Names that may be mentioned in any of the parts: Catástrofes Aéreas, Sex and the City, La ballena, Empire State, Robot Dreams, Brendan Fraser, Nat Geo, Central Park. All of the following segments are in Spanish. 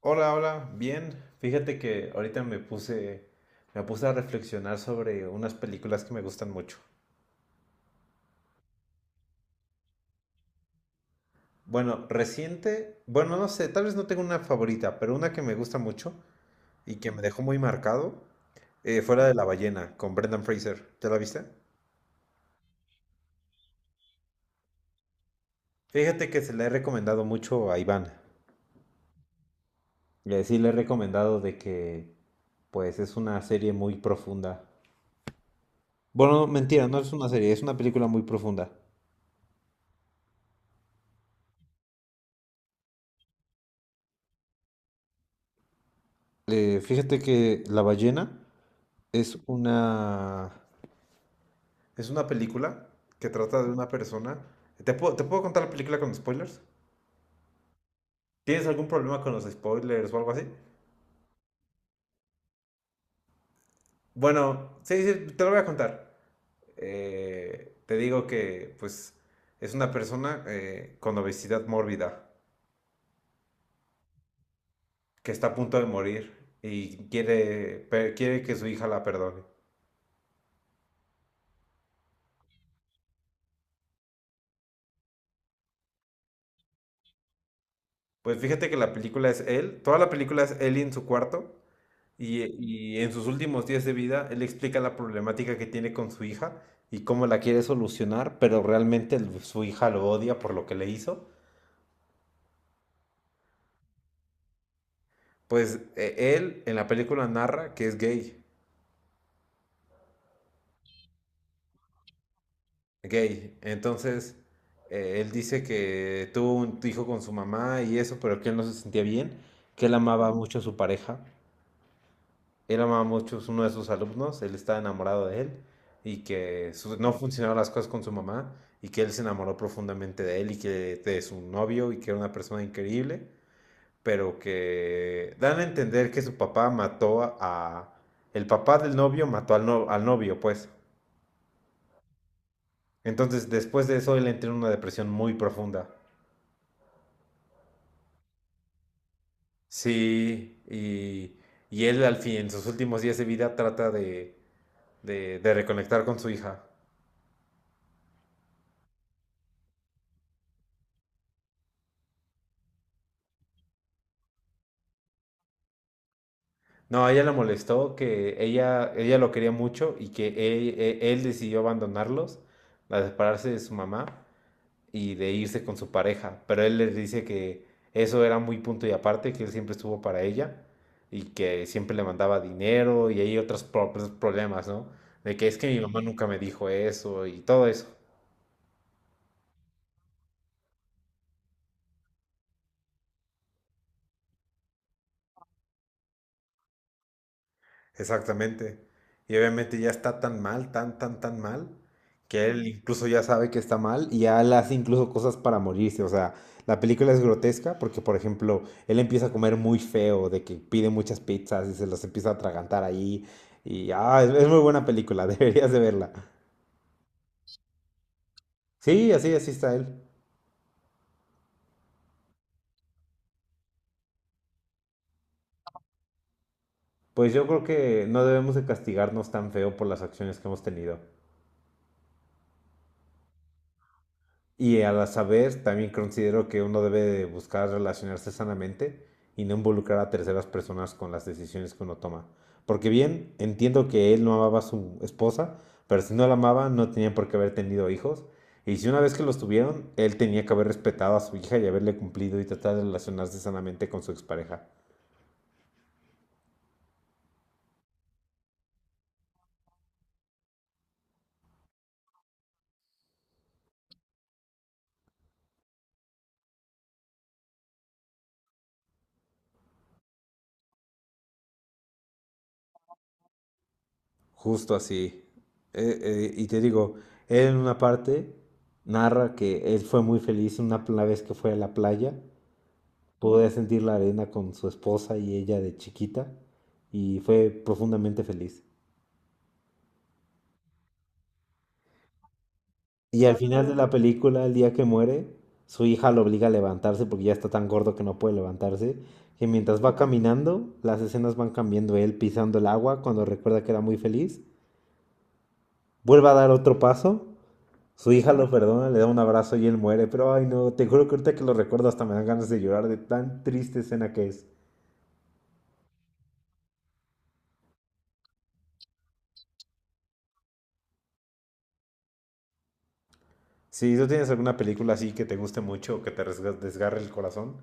Hola, hola, bien. Fíjate que ahorita me puse a reflexionar sobre unas películas que me gustan mucho. Bueno, reciente, bueno, no sé, tal vez no tengo una favorita, pero una que me gusta mucho y que me dejó muy marcado, fue la de La ballena, con Brendan Fraser. ¿Ya la viste? Fíjate que se la he recomendado mucho a Iván. Y así le he recomendado de que, pues, es una serie muy profunda. Bueno, no, mentira, no es una serie, es una película muy profunda. Fíjate que La ballena. Es una, es una película que trata de una persona. ¿Te puedo contar la película con spoilers? ¿Tienes algún problema con los spoilers o algo así? Bueno, sí, sí, te lo voy a contar. Te digo que, pues, es una persona con obesidad mórbida que está a punto de morir y quiere, quiere que su hija la perdone. Pues fíjate que la película es él, toda la película es él en su cuarto. Y en sus últimos días de vida, él explica la problemática que tiene con su hija y cómo la quiere solucionar, pero realmente su hija lo odia por lo que le hizo. Pues él en la película narra que es gay, gay. Entonces, él dice que tuvo un hijo con su mamá y eso, pero que él no se sentía bien, que él amaba mucho a su pareja. Él amaba mucho, es uno de sus alumnos, él estaba enamorado de él y que no funcionaban las cosas con su mamá y que él se enamoró profundamente de él y que de su novio y que era una persona increíble, pero que dan a entender que su papá mató a... el papá del novio mató al, al novio, pues. Entonces, después de eso, él entró en una depresión muy profunda. Sí, y él al fin, en sus últimos días de vida, trata de reconectar con su hija. No, a ella la molestó que ella lo quería mucho y que él, él decidió abandonarlos, a separarse de su mamá y de irse con su pareja. Pero él les dice que eso era muy punto y aparte, que él siempre estuvo para ella y que siempre le mandaba dinero y hay otros problemas, ¿no? De que es que mi mamá nunca me dijo eso y todo eso. Exactamente. Y obviamente ya está tan mal, tan mal, que él incluso ya sabe que está mal y ya él hace incluso cosas para morirse. O sea, la película es grotesca porque, por ejemplo, él empieza a comer muy feo, de que pide muchas pizzas y se las empieza a atragantar ahí. Y es muy buena película, deberías de verla. Sí, así, así está él. Pues yo creo que no debemos de castigarnos tan feo por las acciones que hemos tenido. Y a la saber, también considero que uno debe buscar relacionarse sanamente y no involucrar a terceras personas con las decisiones que uno toma. Porque bien, entiendo que él no amaba a su esposa, pero si no la amaba no tenía por qué haber tenido hijos. Y si una vez que los tuvieron, él tenía que haber respetado a su hija y haberle cumplido y tratar de relacionarse sanamente con su expareja. Justo así. Y te digo, él en una parte narra que él fue muy feliz una vez que fue a la playa. Pude sentir la arena con su esposa y ella de chiquita y fue profundamente feliz. Y al final de la película, el día que muere, su hija lo obliga a levantarse porque ya está tan gordo que no puede levantarse. Que mientras va caminando, las escenas van cambiando. Él pisando el agua cuando recuerda que era muy feliz. Vuelve a dar otro paso. Su hija lo perdona, le da un abrazo y él muere. Pero ay no, te juro que ahorita que lo recuerdo hasta me dan ganas de llorar de tan triste escena que es. Si tú tienes alguna película así que te guste mucho o que te desgarre el corazón,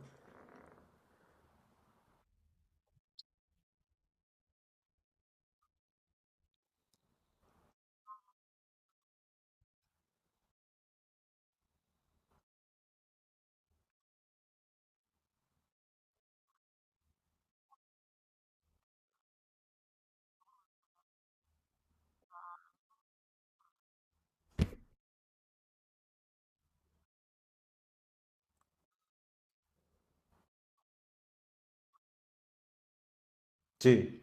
sí,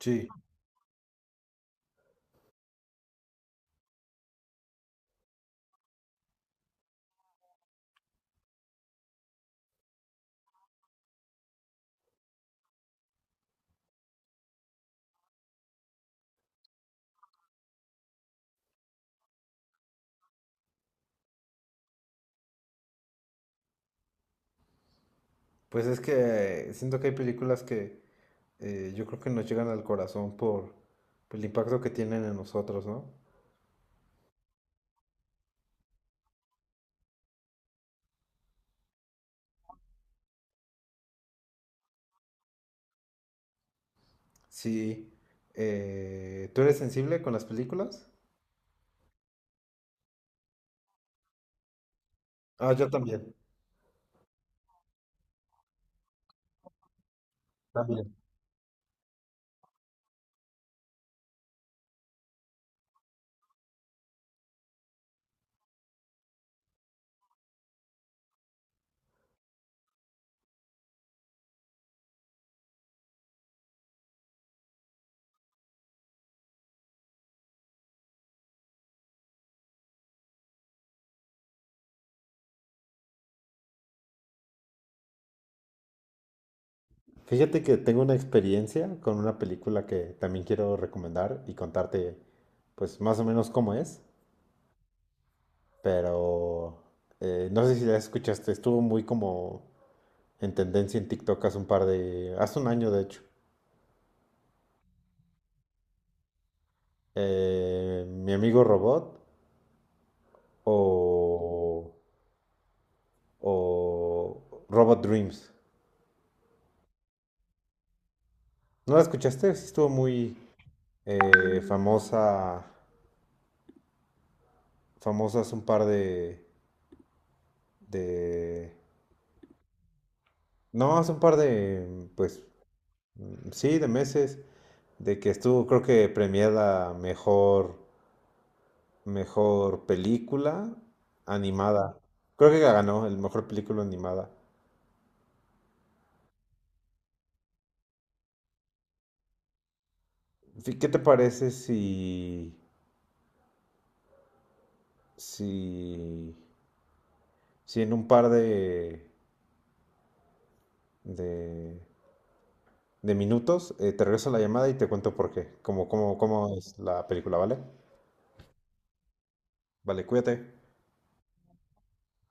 sí. Pues es que siento que hay películas que yo creo que nos llegan al corazón por el impacto que tienen en nosotros, ¿no? Sí. ¿Tú eres sensible con las películas? Ah, yo también, también. Fíjate que tengo una experiencia con una película que también quiero recomendar y contarte, pues más o menos cómo es, pero no sé si la escuchaste, estuvo muy como en tendencia en TikTok hace un par de, hace un año de hecho. Mi amigo Robot o, o Robot Dreams. ¿No la escuchaste? Sí estuvo muy famosa, famosa hace un par de... No, hace un par de, pues, sí, de meses, de que estuvo, creo que premiada mejor, mejor película animada. Creo que ganó el mejor película animada. ¿Qué te parece si, si si en un par de, de minutos te regreso la llamada y te cuento por qué, cómo, cómo, cómo es la película, ¿vale? Vale, cuídate.